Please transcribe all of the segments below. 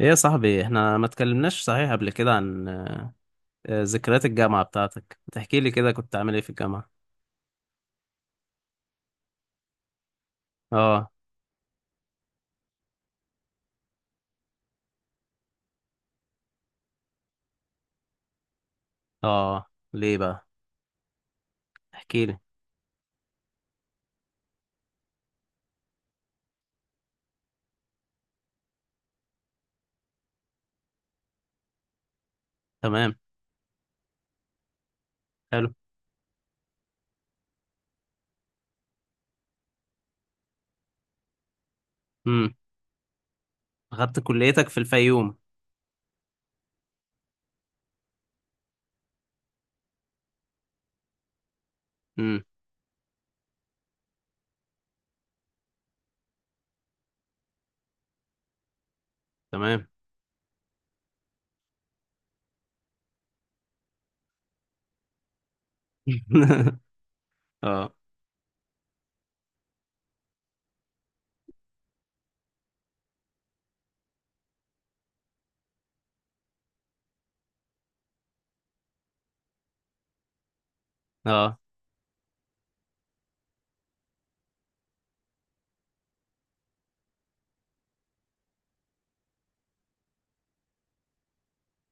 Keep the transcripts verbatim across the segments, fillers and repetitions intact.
ايه يا صاحبي، احنا ما اتكلمناش صحيح قبل كده عن آه، آه، ذكريات الجامعة بتاعتك. تحكي لي كده كنت عامل ايه في الجامعة؟ اه. اه. ليه بقى؟ احكي لي. تمام. حلو. امم. اخدت كليتك في الفيوم؟ امم. تمام. اه. اه.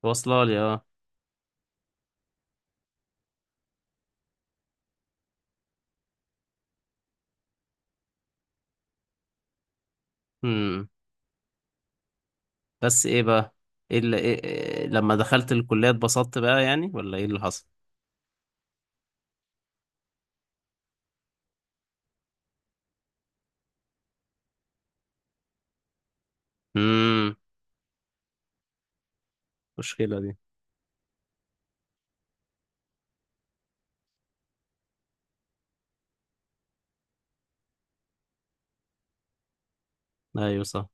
واصله لي. اه. امم. بس ايه بقى؟ ايه اللي إيه إيه لما دخلت الكلية اتبسطت بقى يعني، ولا ايه اللي حصل؟ امم. المشكلة دي. ايوه صح.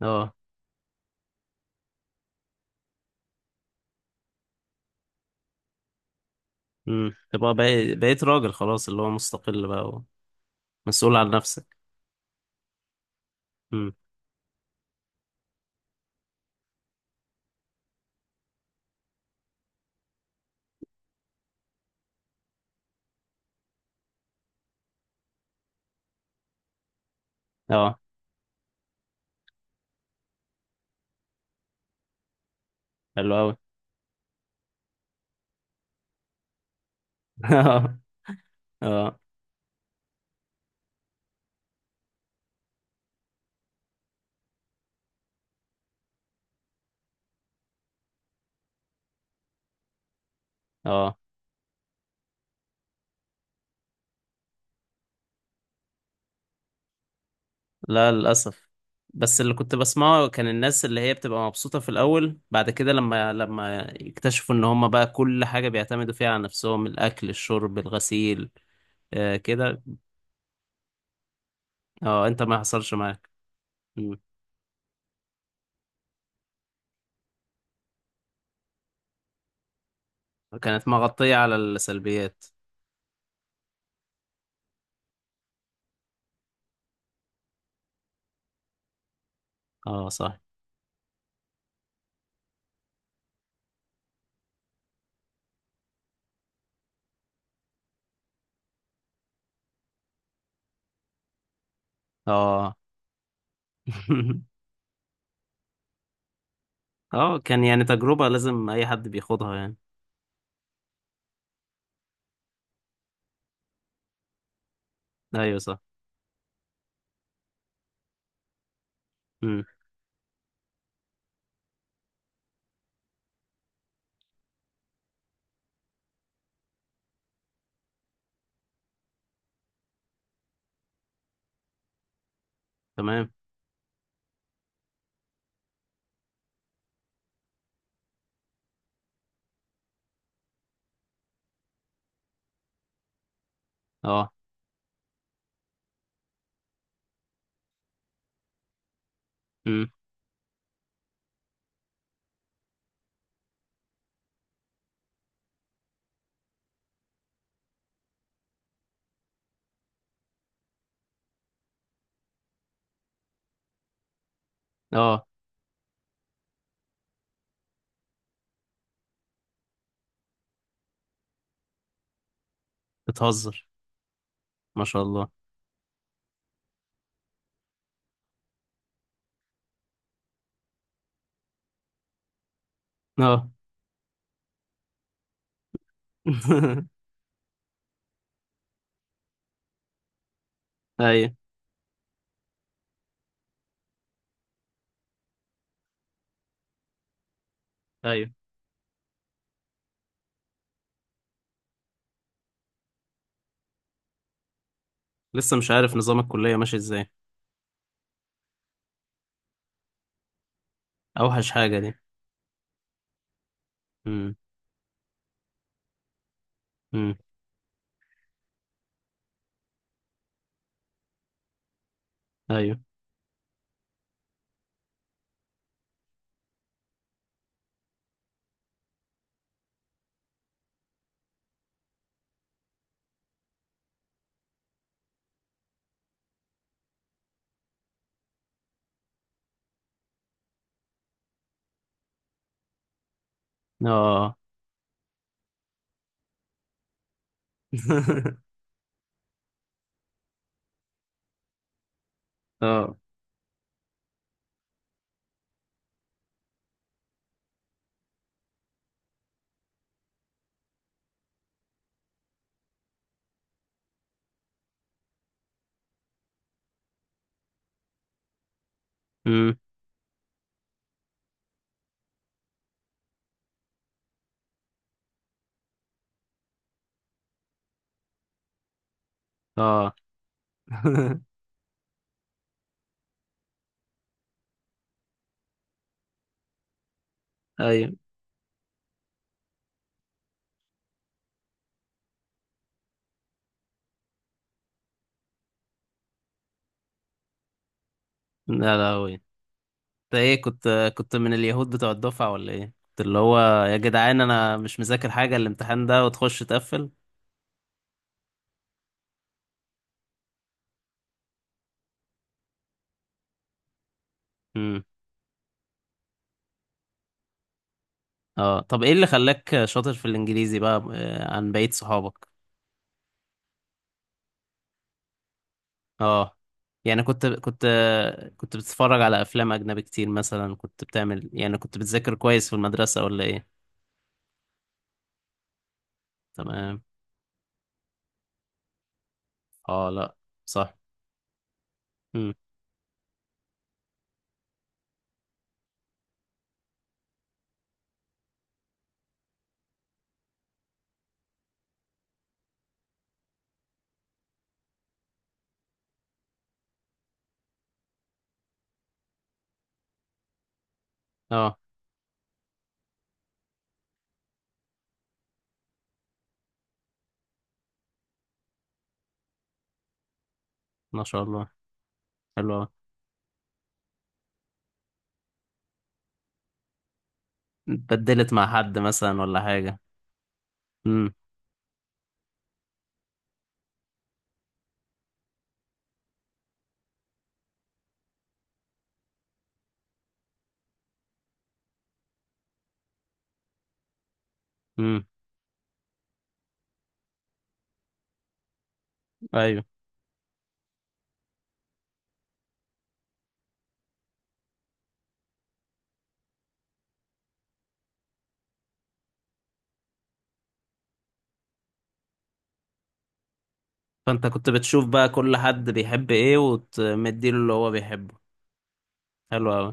اه. امم. تبقى بقيت بقيت راجل خلاص، اللي هو مستقل بقى. مسؤول عن نفسك. امم. اه. حلو قوي. اه. اه. اه. لا، للاسف. بس اللي كنت بسمعه، كان الناس اللي هي بتبقى مبسوطة في الاول، بعد كده لما لما يكتشفوا ان هم بقى كل حاجة بيعتمدوا فيها على نفسهم، الاكل الشرب الغسيل. آه كده. اه، انت ما حصلش معاك؟ مم. كانت مغطية على السلبيات. اه صح. اه. اه، كان يعني تجربة لازم اي حد بيخوضها يعني. ايوه صح. امم. تمام. اه. امم. اه. بتهزر؟ ما شاء الله. اه. ايوه. ايوه. لسه مش عارف نظام الكلية ماشي ازاي. اوحش حاجة دي. امم. امم. ايوه. اه. اه. امم. اه. ايوه. لا لا، هو انت، ايه كنت، كنت من اليهود بتوع الدفعة ولا ايه؟ كنت اللي هو، يا جدعان انا مش مذاكر حاجة الامتحان ده وتخش تقفل. امم. اه، طب ايه اللي خلاك شاطر في الانجليزي بقى آه، عن بقية صحابك؟ اه، يعني كنت كنت كنت بتتفرج على افلام اجنبي كتير مثلا، كنت بتعمل يعني كنت بتذاكر كويس في المدرسة ولا ايه؟ تمام. اه. لا، صح. امم. اه. ما شاء الله. حلو أوي. اتبدلت مع حد مثلا ولا حاجة؟ امم. امم. ايوه. فانت كنت بتشوف بقى كل حد بيحب ايه وتمديله اللي هو بيحبه. حلو قوي.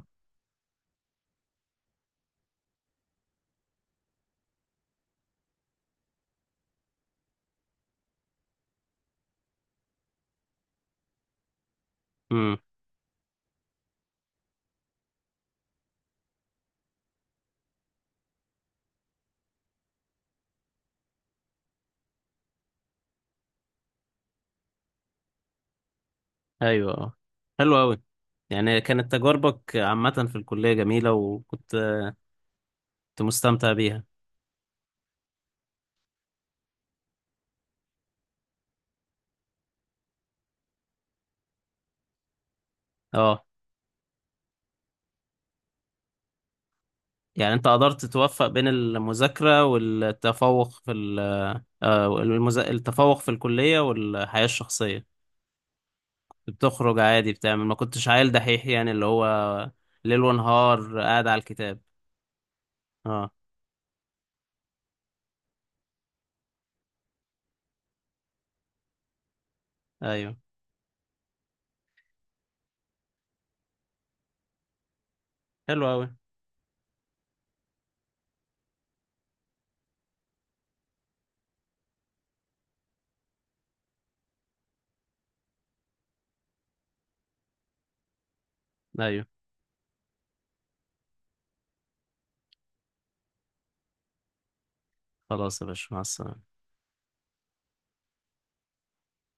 امم. ايوه. اه. حلو قوي. يعني كانت تجاربك عامة في الكلية جميلة، وكنت، كنت مستمتع بيها. اه، يعني انت قدرت توفق بين المذاكرة والتفوق في ال- آه، المذا- التفوق في الكلية والحياة الشخصية. بتخرج عادي بتعمل، ما كنتش عيل دحيح يعني اللي هو ليل ونهار قاعد على الكتاب. اه. ايوه. حلو اوي. ايوه. خلاص يا باشا، مع السلامة.